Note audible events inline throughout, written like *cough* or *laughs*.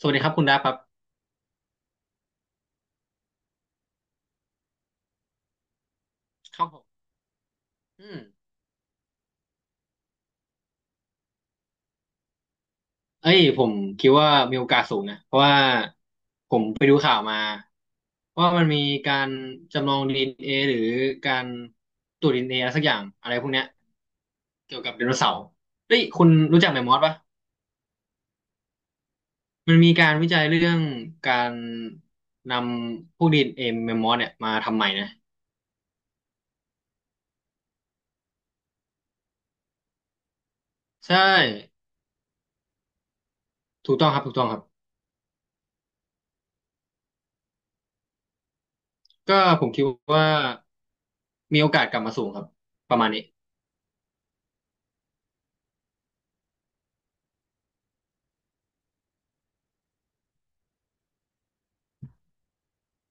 สวัสดีครับคุณดาครับครับผมอืมเอ้ยผมคิดว่ามีโอกาสสูงนะเพราะว่าผมไปดูข่าวมาว่ามันมีการจำลองดีเอ็นเอหรือการตรวจดีเอ็นเออะไรสักอย่างอะไรพวกเนี้ยเกี่ยวกับไดโนเสาร์เฮ้ยคุณรู้จักแมมมอสปะมันมีการวิจัยเรื่องการนำพวกดีเอ็นเอแมมมอสเนี่ยมาทำใหม่นะใช่ถูกต้องครับถูกต้องครับก็ผมคิดว่ามีโอกาสกลับมาสูงครับประมาณนี้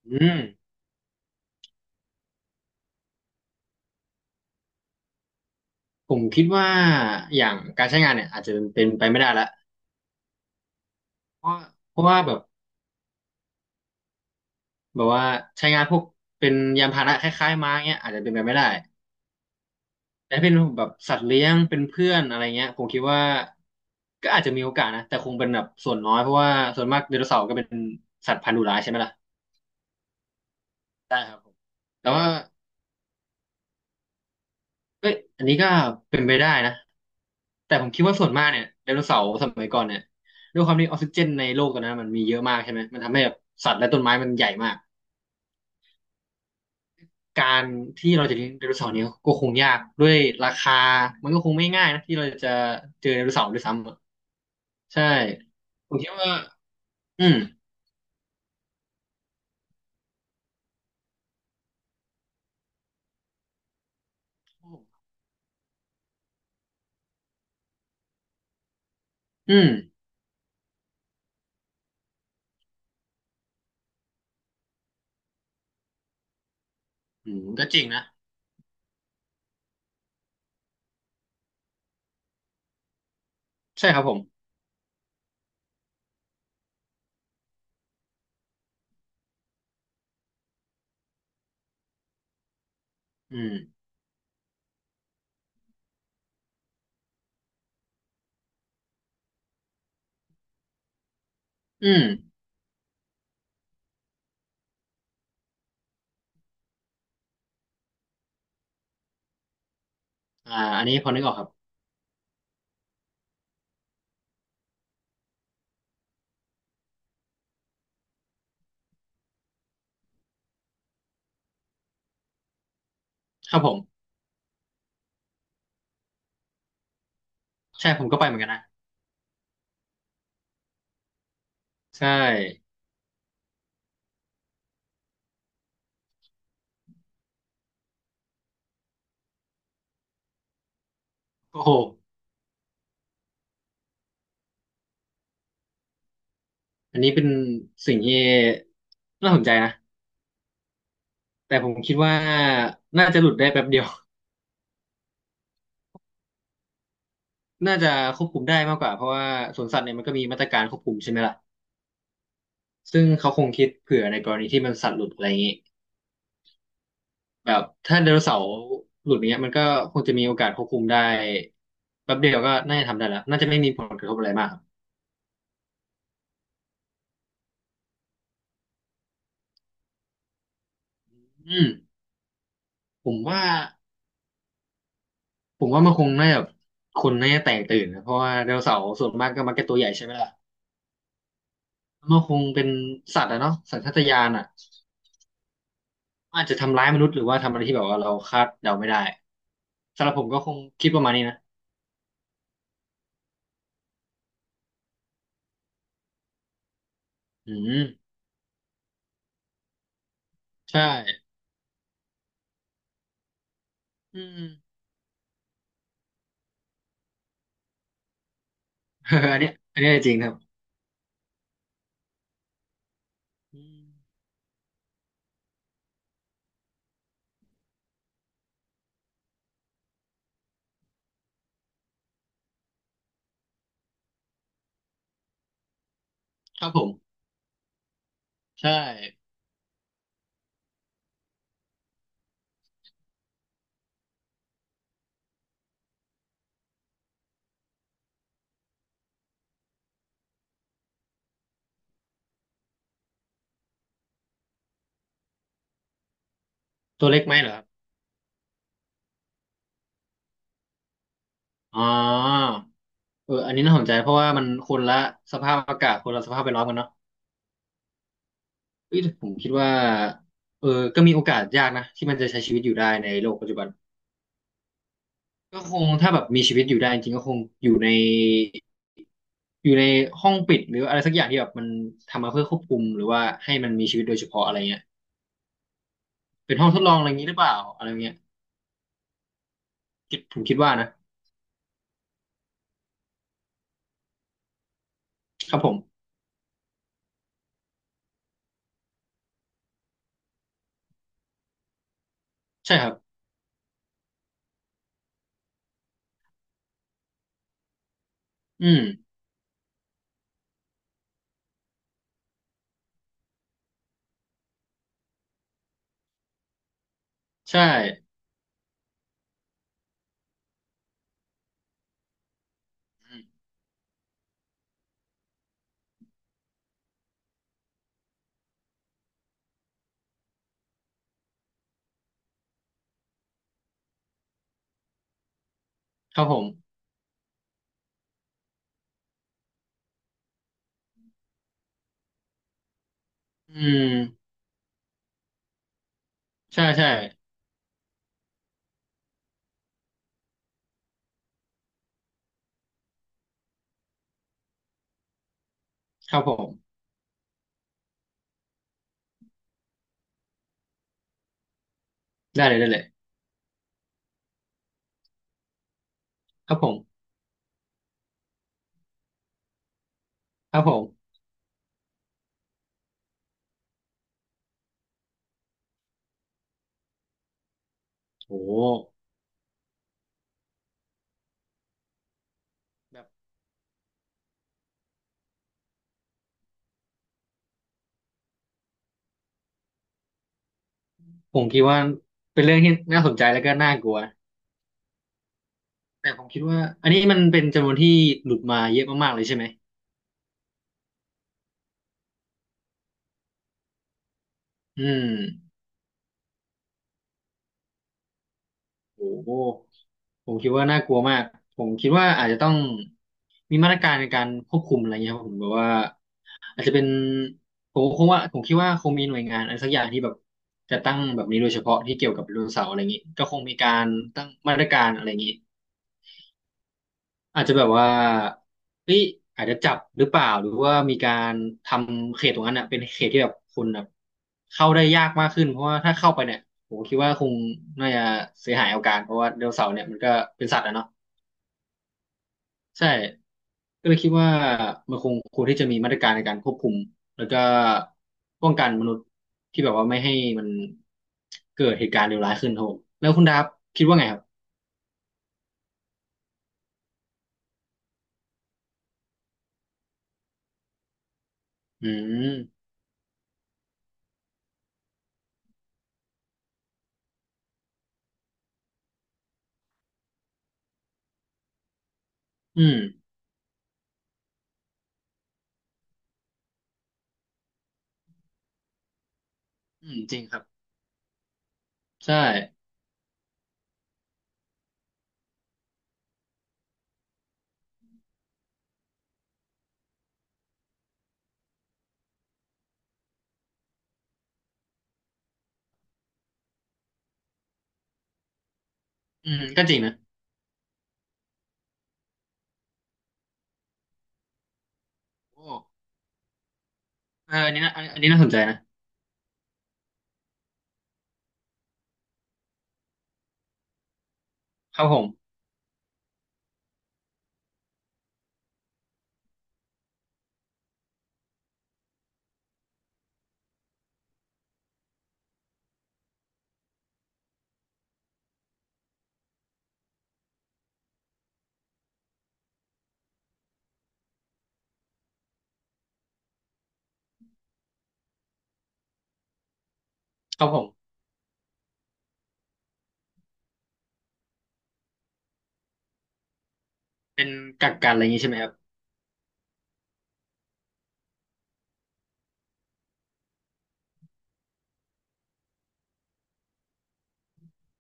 อืม ผมคิดว่าอย่างการใช้งานเนี่ยอาจจะเป็นไปไม่ได้ละเพราะเพราะว่าแบบแบบว่าใช้งานพวกเป็นยานพาหนะคล้ายๆม้าเงี้ยอาจจะเป็นไปไม่ได้ แต่ถ้าเป็นแบบสัตว์เลี้ยงเป็นเพื่อนอะไรเงี้ยผมคิดว่าก็อาจจะมีโอกาสนะแต่คงเป็นแบบส่วนน้อยเพราะว่าส่วนมากไดโนเสาร์ก็เป็นสัตว์พันธุ์ดุร้ายใช่ไหมล่ะได้ครับผมแต่ว่าเอ้ยอันนี้ก็เป็นไปได้นะแต่ผมคิดว่าส่วนมากเนี่ยไดโนเสาร์สมัยก่อนเนี่ยด้วยความที่ออกซิเจนในโลกตอนนั้นมันมีเยอะมากใช่ไหมมันทำให้แบบสัตว์และต้นไม้มันใหญ่มาก การที่เราจะเลี้ยงไดโนเสาร์เนี่ยก็คงยากด้วยราคามันก็คงไม่ง่ายนะที่เราจะเจอไดโนเสาร์ด้วยซ้ำอะใช่ผมคิดว่าอืมอืมอืมก็จริงนะใช่ครับผมอืมอืมอ่าอันนี้พอนึกออกครับครับผมใช่ผมก็ไปเหมือนกันนะใช่โอ้โหอันนี้เป็นสิ่งที่น่าสนใจนะแต่ผมคิดว่าน่าจะหลุดได้แป๊บเดียวน่าจะควบคุมได้มากกว่าเพราะว่าสวนสัตว์เนี่ยมันก็มีมาตรการควบคุมใช่ไหมล่ะ ซึ่งเขาคงคิดเผื่อในกรณีที่มันสัตว์หลุดอะไรอย่างนี้แบบถ้าไดโนเสาร์หลุดอย่างเงี้ยมันก็คงจะมีโอกาสควบคุมได้แป๊บเดียวก็น่าจะทำได้แล้วน่าจะไม่มีผลกระทบอะไรมากครับอืมผมว่าผมว่ามันคงน่าจะคนน่าจะแตกตื่นนะเพราะว่าไดโนเสาร์ส่วนมากก็มักจะตัวใหญ่ใช่ไหมล่ะมันคงเป็นสัตว์อะเนาะสัญชาตญาณอะอาจจะทำร้ายมนุษย์หรือว่าทำอะไรที่แบบว่าเราคาดเดาไม่ได้สำหรับผมก็คงคิดประมาณนี้นะอืมใช่อืม *laughs* อันเนี้ยอันเนี้ยจริงครับอืม ครับผมใช่ตัวเล็กไหมเหรอครับอ๋ออันนี้น่าสนใจเพราะว่ามันคนละสภาพอากาศคนละสภาพแวดล้อมกันเนาะเอ้ยแต่ผมคิดว่าเออก็มีโอกาสยากนะที่มันจะใช้ชีวิตอยู่ได้ในโลกปัจจุบันก็คงถ้าแบบมีชีวิตอยู่ได้จริงๆก็คงอยู่ในอยู่ในห้องปิดหรืออะไรสักอย่างที่แบบมันทำมาเพื่อควบคุมหรือว่าให้มันมีชีวิตโดยเฉพาะอะไรเงี้ยเป็นห้องทดลองอะไรอย่างนี้หรือเปล่าอะไรเงี้ยผมคิดว่านะครับผมใช่ครับอืมใช่อืมครับผมอืม ใช่ใช่ครับผมได้เลยได้เลยครับผมครับผมโอ้แบบผมคิดว่าเป็นเรื่องที่น่าสนใจแล้วก็น่ากลัวแต่ผมคิดว่าอันนี้มันเป็นจำนวนที่หลุดมาเยอะมากๆเลยใช่ไหมอืมโอ้โหผมคิดว่าน่ากลัวมากผมคิดว่าอาจจะต้องมีมาตรการในการควบคุมอะไรเงี้ยครับผมแบบว่าอาจจะเป็นผมคงว่าผมคิดว่าคงมีหน่วยงานอะไรสักอย่างที่แบบจะตั้งแบบนี้โดยเฉพาะที่เกี่ยวกับไดโนเสาร์อะไรอย่างนี้ก็คงมีการตั้งมาตรการอะไรอย่างนี้ อาจจะแบบว่าเฮ้ยอาจจะจับหรือเปล่าหรือว่ามีการทำเขตตรงนั้นอ่ะเป็นเขตที่แบบคนแบบเข้าได้ยากมากขึ้นเพราะว่าถ้าเข้าไปเนี่ยผมคิดว่าคงน่าจะเสียหายเอาการเพราะว่าไดโนเสาร์เนี่ยมันก็เป็นสัตว์อะเนาะใช่ก็เลยคิดว่ามันคงควรที่จะมีมาตรการในการควบคุมแล้วก็ป้องกันมนุษย์ที่แบบว่าไม่ให้มันเกิดเหตุการณ์เลวร้ายขึ้นครับผมแล้วคุณดาบคิดว่าไงครับอืมอืมอืมจริงครับใช่อืมก็จริงนะ โอ้อันนี้นะอันนี้น่าสนใจนะครับผมครับผมเป็นกักกันอะไรอย่างงี้ใช่ไหมครับ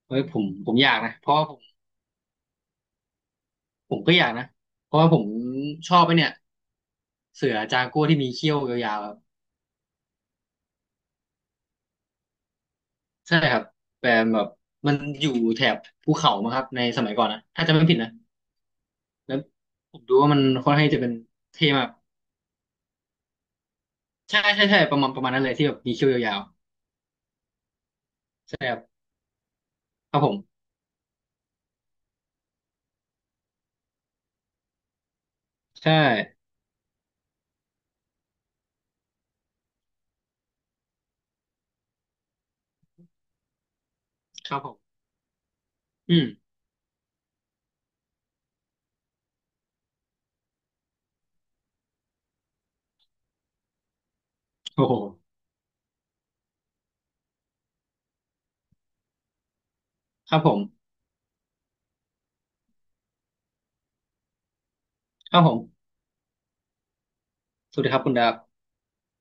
เฮ้ยผมอยากนะเพราะว่าผมผมก็อยากนะเพราะว่าผมชอบไอ้เนี่ยเสือจากัวที่มีเขี้ยวยาวๆครับใช่ครับแต่แบบมันอยู่แถบภูเขามั้งครับในสมัยก่อนนะถ้าจำไม่ผิดนะแล้วผมดูว่ามันค่อนข้างจะเป็นเท่มากใช่ใช่ใช่ประมาณประมาณนั้นเลยที่แบบมีเขี้ยวยาวๆใช่ครับครับผมใช่ครับผมอืมโอ้โหครับผมครับผมสวัสดีครับคุณดาบ